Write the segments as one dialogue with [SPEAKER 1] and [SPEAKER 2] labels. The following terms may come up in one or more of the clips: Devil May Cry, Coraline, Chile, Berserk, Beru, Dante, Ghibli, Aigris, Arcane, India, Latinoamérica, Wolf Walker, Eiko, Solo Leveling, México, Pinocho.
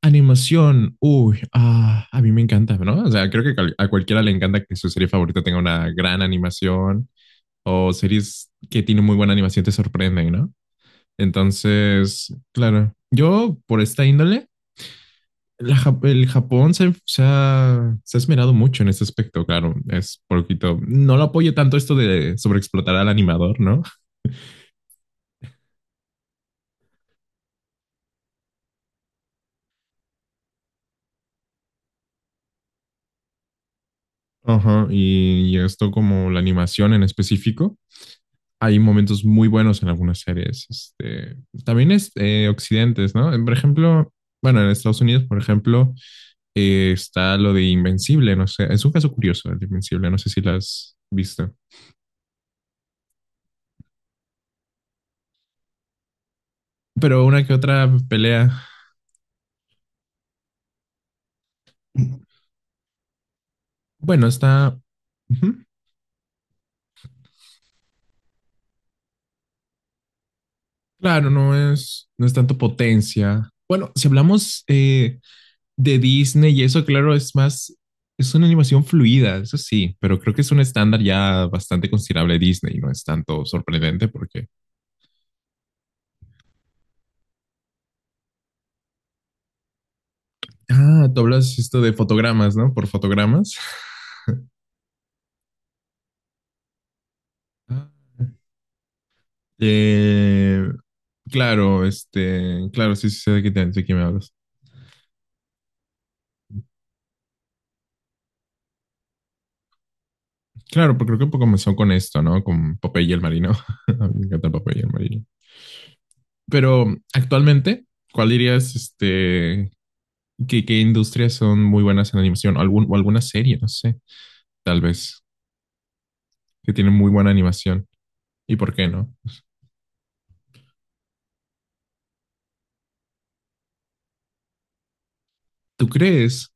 [SPEAKER 1] Animación, a mí me encanta, ¿no? O sea, creo que a cualquiera le encanta que su serie favorita tenga una gran animación o series que tienen muy buena animación te sorprenden, ¿no? Entonces, claro, yo por esta índole, el Japón se ha esmerado mucho en este aspecto, claro, es poquito, no lo apoyo tanto esto de sobreexplotar al animador, ¿no? Ajá, y esto como la animación en específico hay momentos muy buenos en algunas series. También es occidentes, ¿no? Por ejemplo, bueno, en Estados Unidos, por ejemplo, está lo de Invencible, no sé, es un caso curioso el de Invencible, no sé si lo has visto. Pero una que otra pelea, bueno, está, ujú, claro, no es tanto potencia. Bueno, si hablamos de Disney y eso, claro, es más, es una animación fluida, eso sí, pero creo que es un estándar ya bastante considerable de Disney, no es tanto sorprendente porque, ah, tú hablas esto de fotogramas, ¿no? Por fotogramas. Eh, claro, claro, sí, sí, sé de qué, de qué me hablas. Claro, porque creo que comenzó con esto, ¿no? Con Popeye y el Marino. A mí me encanta Popeye y el Marino. Pero actualmente, ¿cuál dirías, ¿qué, qué industrias son muy buenas en animación? Algún, o alguna serie, no sé, tal vez, que tienen muy buena animación. ¿Y por qué no? ¿Tú crees?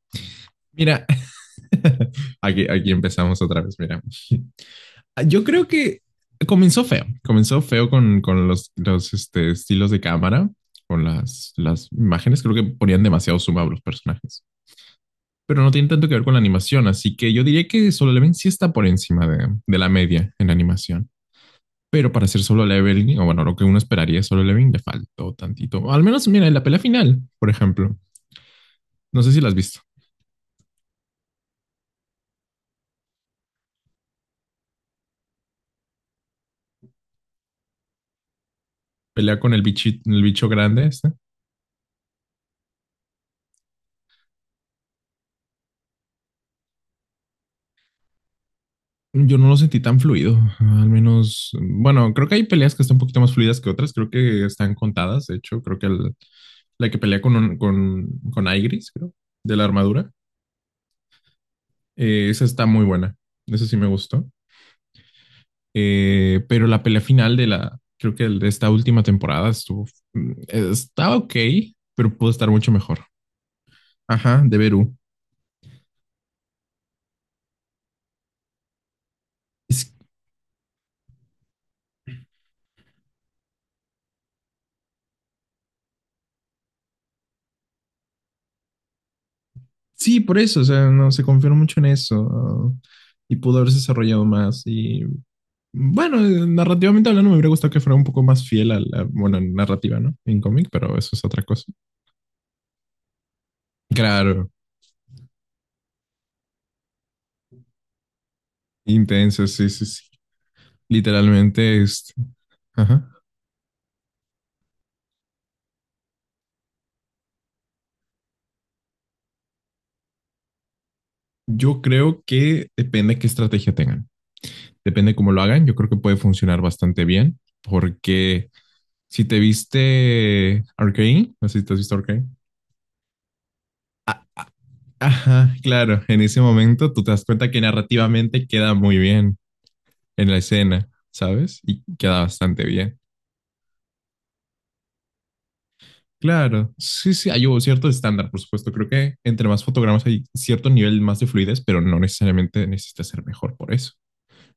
[SPEAKER 1] Mira, aquí empezamos otra vez, mira. Yo creo que comenzó feo con, los estilos de cámara, con las imágenes, creo que ponían demasiado suma a los personajes, pero no tiene tanto que ver con la animación, así que yo diría que Solo Leveling sí está por encima de la media en animación. Pero para hacer solo leveling, o bueno, lo que uno esperaría solo leveling, le faltó tantito. O al menos, mira, en la pelea final, por ejemplo. No sé si la has visto. Pelea con el, bichito, el bicho grande este. Yo no lo sentí tan fluido. Al menos, bueno, creo que hay peleas que están un poquito más fluidas que otras. Creo que están contadas. De hecho, creo que la que pelea con, con Aigris, creo, de la armadura, esa está muy buena. Esa sí me gustó. Pero la pelea final de la, creo que de esta última temporada estuvo, mm, está ok, pero pudo estar mucho mejor. Ajá, de Beru. Es- sí, por eso, o sea, no se confió mucho en eso y pudo haberse desarrollado más. Y bueno, narrativamente hablando, me hubiera gustado que fuera un poco más fiel a la, bueno, narrativa, ¿no? En cómic, pero eso es otra cosa. Claro, intenso, sí, sí, sí. Literalmente, ajá. Yo creo que depende de qué estrategia tengan. Depende cómo lo hagan, yo creo que puede funcionar bastante bien, porque si te viste Arcane, no sé si te has visto Arcane. Ajá, claro, en ese momento tú te das cuenta que narrativamente queda muy bien en la escena, ¿sabes? Y queda bastante bien. Claro, sí, sí, hay un cierto estándar, por supuesto. Creo que entre más fotogramas hay cierto nivel más de fluidez, pero no necesariamente necesita ser mejor por eso.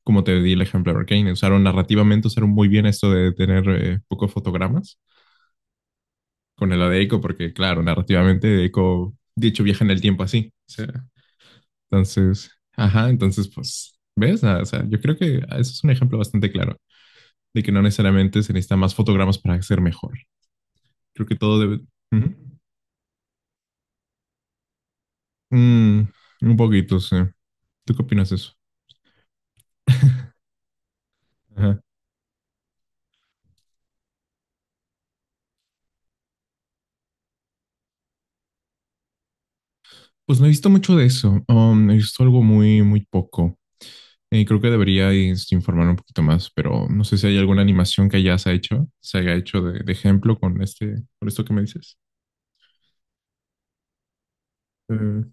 [SPEAKER 1] Como te di el ejemplo de Arcane, usaron narrativamente, usaron muy bien esto de tener pocos fotogramas con lo de Eiko, porque claro, narrativamente Eiko, de hecho, viaja en el tiempo así. O sea, entonces, ajá, entonces, pues, ¿ves? O sea, yo creo que eso es un ejemplo bastante claro de que no necesariamente se necesitan más fotogramas para ser mejor. Creo que todo debe... Ujú. Mm, un poquito, sí. ¿Tú qué opinas de eso? Ajá. Pues no he visto mucho de eso. He visto algo muy, muy poco. Y creo que debería informar un poquito más, pero no sé si hay alguna animación que ya se ha hecho, se haya hecho de ejemplo con este, con esto que me dices. Eh,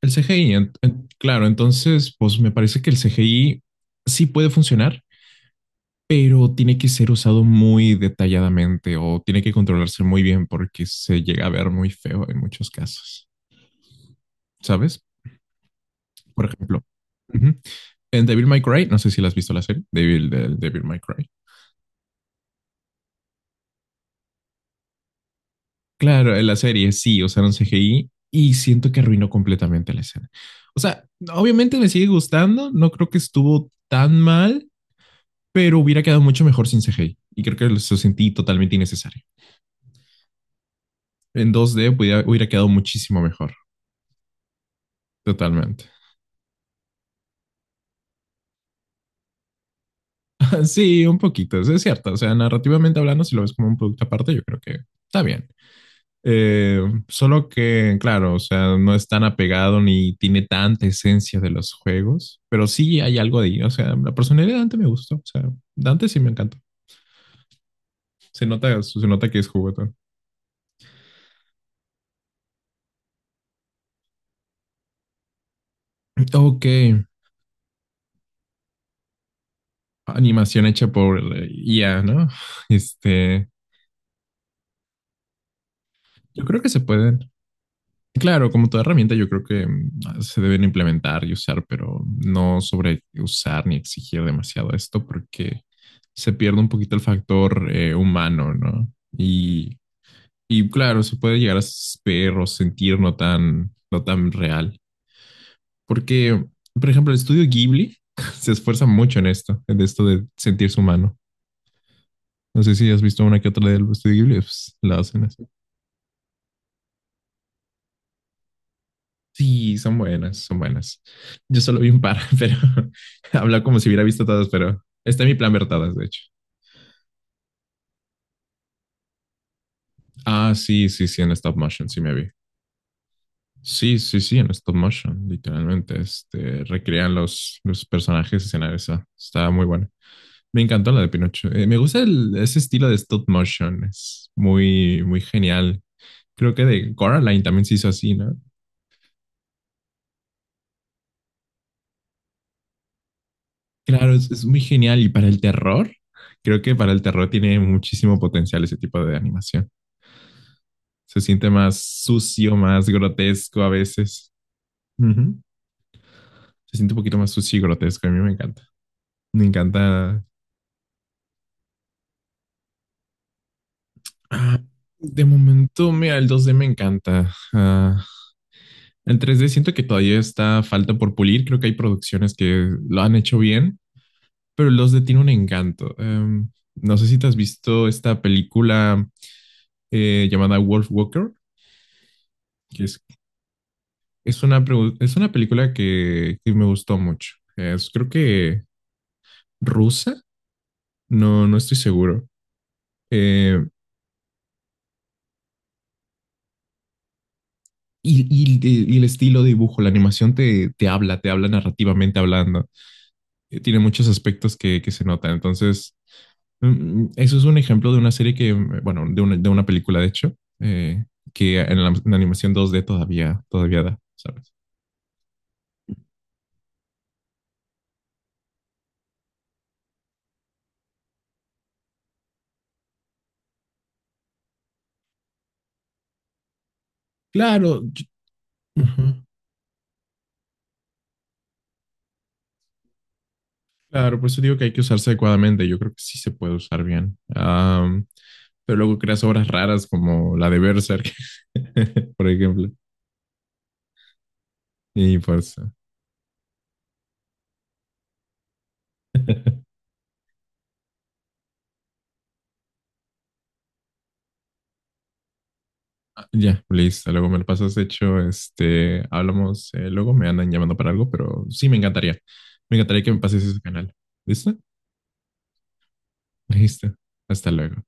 [SPEAKER 1] el CGI, claro, entonces, pues me parece que el CGI sí puede funcionar, pero tiene que ser usado muy detalladamente o tiene que controlarse muy bien porque se llega a ver muy feo en muchos casos, ¿sabes? Por ejemplo, ujú, en Devil May Cry, no sé si la has visto la serie, Devil, del Devil May Cry. Claro, en la serie sí usaron CGI y siento que arruinó completamente la escena. O sea, obviamente me sigue gustando, no creo que estuvo tan mal pero hubiera quedado mucho mejor sin CGI y creo que lo sentí totalmente innecesario. En dos d hubiera quedado muchísimo mejor, totalmente. Sí, un poquito, es cierto. O sea, narrativamente hablando, si lo ves como un producto aparte, yo creo que está bien. Eh, solo que, claro, o sea, no es tan apegado ni tiene tanta esencia de los juegos, pero sí hay algo de ahí. O sea, la personalidad de Dante me gustó. O sea, Dante sí me encantó. Se nota que es juguetón. Ok, animación hecha por IA, ¿no? Este, yo creo que se pueden. Claro, como toda herramienta, yo creo que se deben implementar y usar, pero no sobre usar ni exigir demasiado esto porque se pierde un poquito el factor humano, ¿no? Y, y claro, se puede llegar a ver o sentir no tan, no tan real. Porque, por ejemplo, el estudio Ghibli se esfuerza mucho en esto de sentirse humano. No sé si has visto una que otra del estudio Ghibli, pues la hacen así. Sí, son buenas, son buenas. Yo solo vi un par, pero habla como si hubiera visto todas, pero está en mi plan ver todas, de hecho. Ah, sí, sí, sí, en stop motion, sí me vi. Sí, sí, sí, en stop motion, literalmente. Recrean los personajes, escenarios. Esa. Está muy buena. Me encantó la de Pinocho. Me gusta ese estilo de stop motion, es muy, muy genial. Creo que de Coraline también se hizo así, ¿no? Claro, es muy genial. Y para el terror, creo que para el terror tiene muchísimo potencial ese tipo de animación. Se siente más sucio, más grotesco a veces. Ujú. Se siente un poquito más sucio y grotesco. A mí me encanta. Me encanta. Ah, de momento, mira, el dos d me encanta. Ah, el 3D siento que todavía está falta por pulir. Creo que hay producciones que lo han hecho bien, pero el dos d tiene un encanto. No sé si te has visto esta película llamada Wolf Walker, que es una, es una película que me gustó mucho. Es, creo que rusa. No, no estoy seguro. Eh, y, y el estilo de dibujo, la animación te, te habla narrativamente hablando. Tiene muchos aspectos que se notan. Entonces, mm, eso es un ejemplo de una serie que, mm, bueno, de una película, de hecho, que en la, en animación dos d todavía, todavía da, ¿sabes? Claro, ujú. Claro, por eso digo que hay que usarse adecuadamente. Yo creo que sí se puede usar bien. Pero luego creas obras raras como la de Berserk, por ejemplo. Y pues, ah, ya, listo. Luego me lo pasas hecho. Hablamos. Luego me andan llamando para algo, pero sí me encantaría. Me encantaría que me pases ese canal. ¿Listo? Listo. Hasta luego.